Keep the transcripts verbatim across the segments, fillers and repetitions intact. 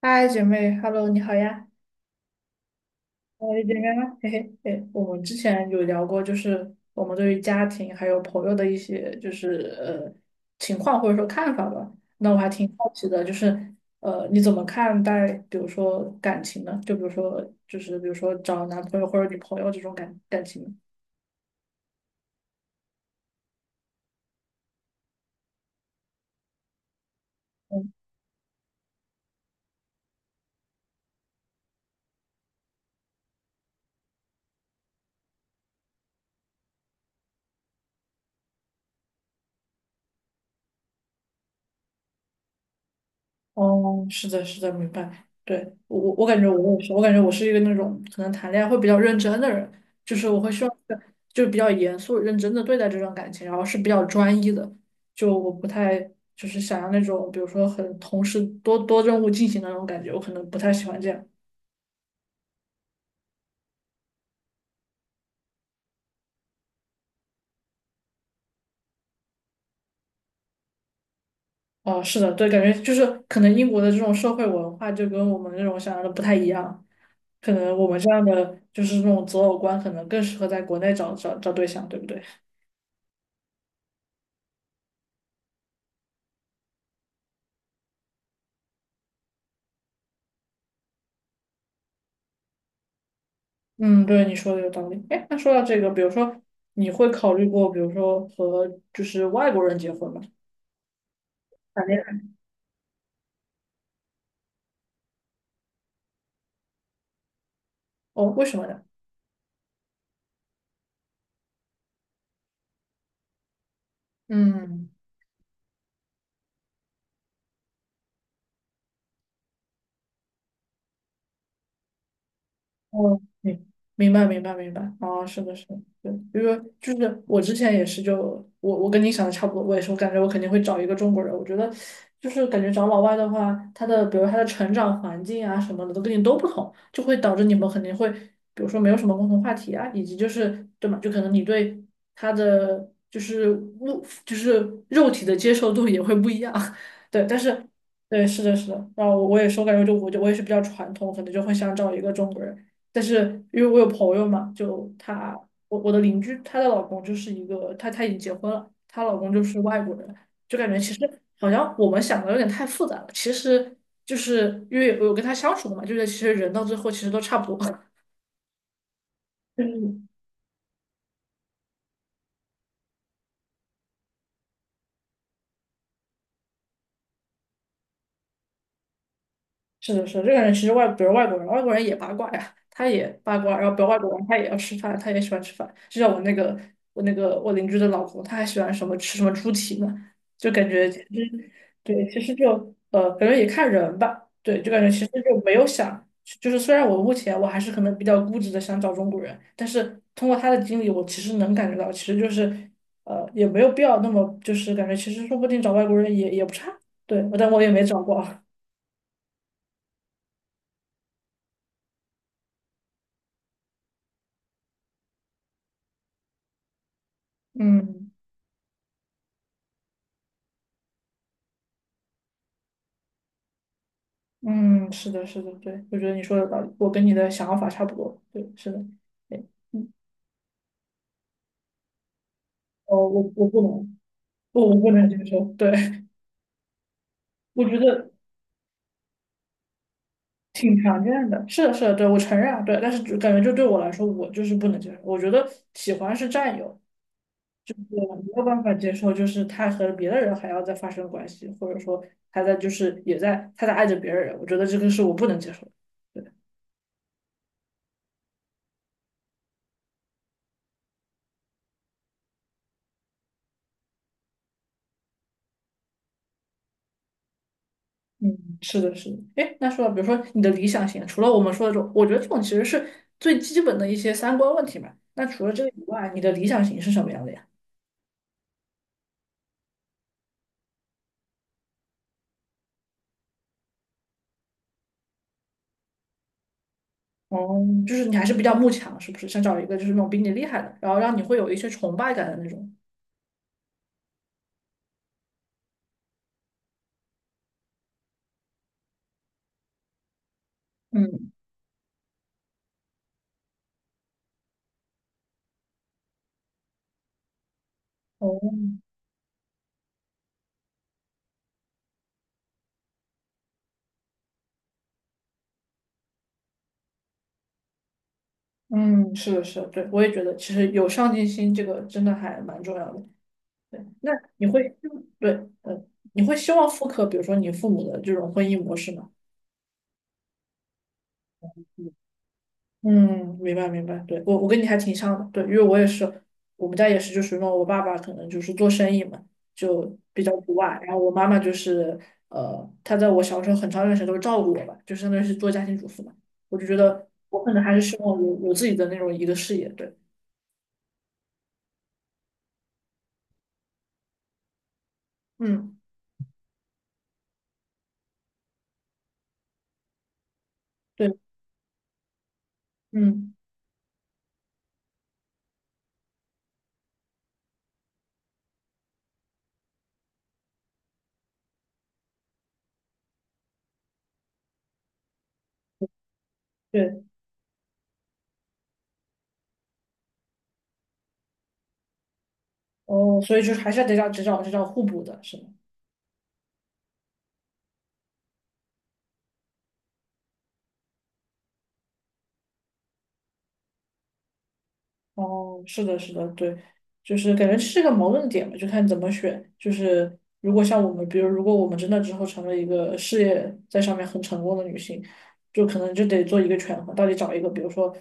嗨，姐妹，Hello，你好呀，我是姐妹吗？嘿嘿，嘿，我们之前有聊过，就是我们对于家庭还有朋友的一些，就是呃情况或者说看法吧。那我还挺好奇的，就是呃你怎么看待，比如说感情呢？就比如说，就是比如说找男朋友或者女朋友这种感感情呢？哦，是的，是的，明白。对，我我我感觉我也是，我感觉我是一个那种可能谈恋爱会比较认真的人，就是我会希望是就是比较严肃认真的对待这段感情，然后是比较专一的，就我不太就是想要那种比如说很同时多多任务进行的那种感觉，我可能不太喜欢这样。哦，是的，对，感觉就是可能英国的这种社会文化就跟我们那种想象的不太一样，可能我们这样的就是那种择偶观可能更适合在国内找找找对象，对不对？嗯，对，你说的有道理。哎，那说到这个，比如说，你会考虑过，比如说和就是外国人结婚吗？谈恋爱。哦，为什么呢？嗯。哦，明明白明白明白，哦，是的，是的，对，因为就是我之前也是就，我我跟你想的差不多，我也是，我感觉我肯定会找一个中国人，我觉得就是感觉找老外的话，他的比如他的成长环境啊什么的都跟你都不同，就会导致你们肯定会，比如说没有什么共同话题啊，以及就是对嘛，就可能你对他的就是物就是肉体的接受度也会不一样，对，但是对，是的，是的，然后我也是，我感觉就我就我也是比较传统，可能就会想找一个中国人。但是因为我有朋友嘛，就她，我我的邻居，她的老公就是一个，她她已经结婚了，她老公就是外国人，就感觉其实好像我们想的有点太复杂了，其实就是因为我有跟她相处过嘛，就是其实人到最后其实都差不多，嗯，是的，是的，这个人其实外，比如外国人，外国人也八卦呀，他也八卦，然后比如外国人他也要吃饭，他也喜欢吃饭。就像我那个我那个我邻居的老婆，他还喜欢什么吃什么猪蹄呢，就感觉其实对，其实就呃，感觉也看人吧，对，就感觉其实就没有想，就是虽然我目前我还是可能比较固执的想找中国人，但是通过他的经历，我其实能感觉到，其实就是呃，也没有必要那么就是感觉其实说不定找外国人也也不差，对，但我也没找过，嗯。嗯，是的，是的，对，我觉得你说的道理，我跟你的想法差不多。对，是的，对，嗯，哦，我我不能，不，我不能接受。对，我觉得挺常见的。是的，是的，对，我承认啊，对，但是就感觉就对我来说，我就是不能接受。我觉得喜欢是占有，我没有办法接受，就是他和别的人还要再发生关系，或者说他在就是也在他在爱着别人，我觉得这个是我不能接受的。嗯，是的，是的。哎，那说到比如说你的理想型，除了我们说的这种，我觉得这种其实是最基本的一些三观问题嘛。那除了这个以外，你的理想型是什么样的呀？哦，就是你还是比较慕强，是不是？想找一个就是那种比你厉害的，然后让你会有一些崇拜感的那种。嗯，哦，嗯，是的，是的，对，我也觉得其实有上进心这个真的还蛮重要的。对，那你会，对，嗯，你会希望复刻，比如说你父母的这种婚姻模式吗？嗯，明白明白，对，我我跟你还挺像的，对，因为我也是，我们家也是，就属于那种我爸爸可能就是做生意嘛，就比较独爱，然后我妈妈就是呃，她在我小时候很长一段时间都照顾我吧，就相当于是做家庭主妇嘛，我就觉得我可能还是希望有有自己的那种一个事业，对，嗯，对，嗯，对，哦，所以就是还是要得找只找只找互补的，是吗？哦，是的，是的，对，就是感觉是个矛盾点嘛，就看怎么选。就是如果像我们，比如如果我们真的之后成了一个事业在上面很成功的女性，就可能就得做一个权衡，到底找一个，比如说，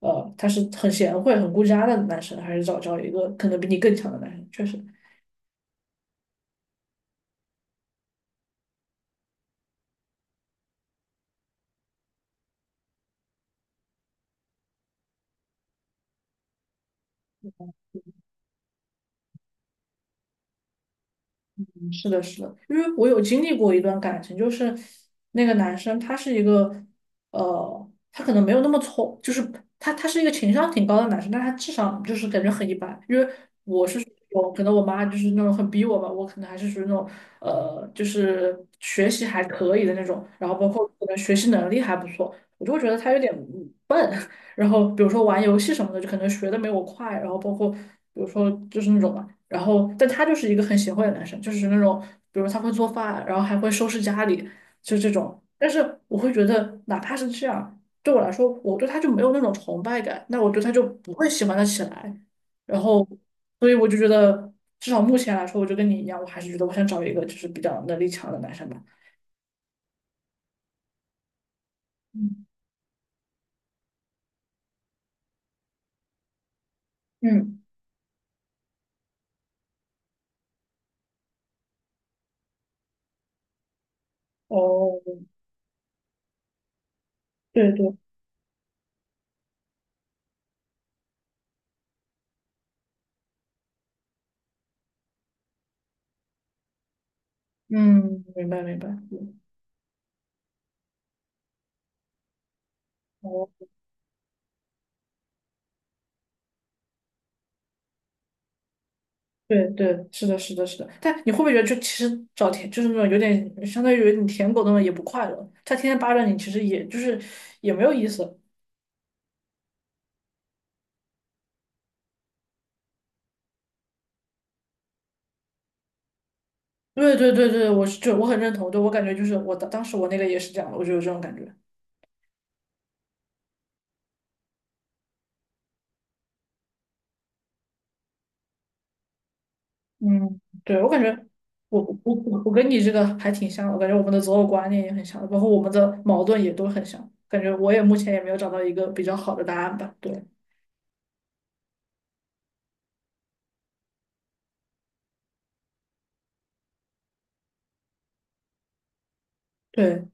呃，他是很贤惠、很顾家的男生，还是找找一个可能比你更强的男生？确实，是的，是的，因为我有经历过一段感情，就是那个男生他是一个，呃，他可能没有那么聪，就是他他是一个情商挺高的男生，但他智商就是感觉很一般。因为我是我可能我妈就是那种很逼我吧，我可能还是属于那种呃，就是学习还可以的那种，然后包括可能学习能力还不错，我就会觉得他有点笨，然后比如说玩游戏什么的，就可能学的没我快，然后包括比如说就是那种嘛，然后但他就是一个很贤惠的男生，就是那种比如他会做饭，然后还会收拾家里，就这种。但是我会觉得，哪怕是这样，对我来说，我对他就没有那种崇拜感，那我对他就不会喜欢的起来。然后，所以我就觉得，至少目前来说，我就跟你一样，我还是觉得我想找一个就是比较能力强的男生吧。嗯嗯，哦，对对，嗯，明白明白，嗯，哦。对对，是的，是的，是的。但你会不会觉得，就其实找舔，就是那种有点相当于你舔狗那种，也不快乐。他天天扒着你，其实也就是也没有意思。对对对对，我是就我很认同。对我感觉就是我当当时我那个也是这样的，我就有这种感觉。嗯，对，我感觉我我我我跟你这个还挺像的，我感觉我们的择偶观念也很像，包括我们的矛盾也都很像。感觉我也目前也没有找到一个比较好的答案吧。对对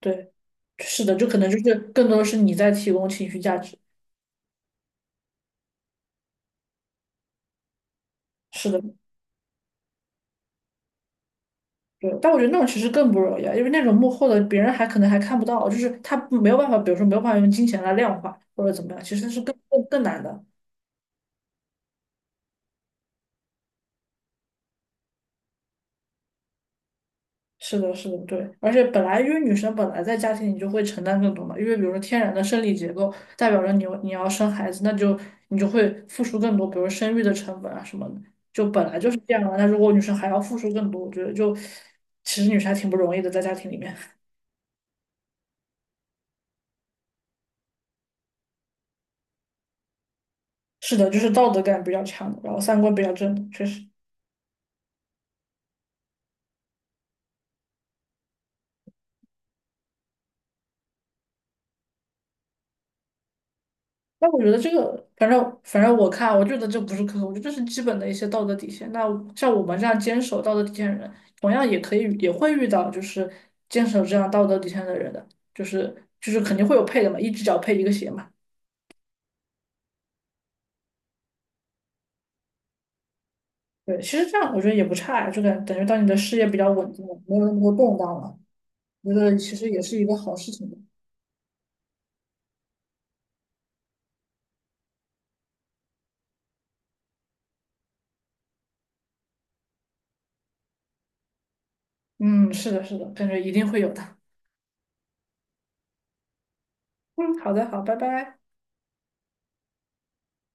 对，是的，就可能就是更多的是你在提供情绪价值。是的。对，但我觉得那种其实更不容易啊，因为那种幕后的别人还可能还看不到，就是他没有办法，比如说没有办法用金钱来量化或者怎么样，其实是更更更难的。是的，是的，对，而且本来因为女生本来在家庭里就会承担更多嘛，因为比如说天然的生理结构代表着你有你要生孩子，那就你就会付出更多，比如生育的成本啊什么的，就本来就是这样的。那如果女生还要付出更多，我觉得就其实女生还挺不容易的，在家庭里面。是的，就是道德感比较强的然后三观比较正的确实。那我觉得这个，反正反正我看，我觉得这不是苛刻，我觉得这是基本的一些道德底线。那像我们这样坚守道德底线的人，同样也可以也会遇到就是坚守这样道德底线的人的，就是就是肯定会有配的嘛，一只脚配一个鞋嘛。对，其实这样我觉得也不差呀，就感等于到你的事业比较稳定了，没有那么多动荡了，觉得其实也是一个好事情的。嗯，是的，是的，感觉一定会有的。嗯，好的，好，拜拜。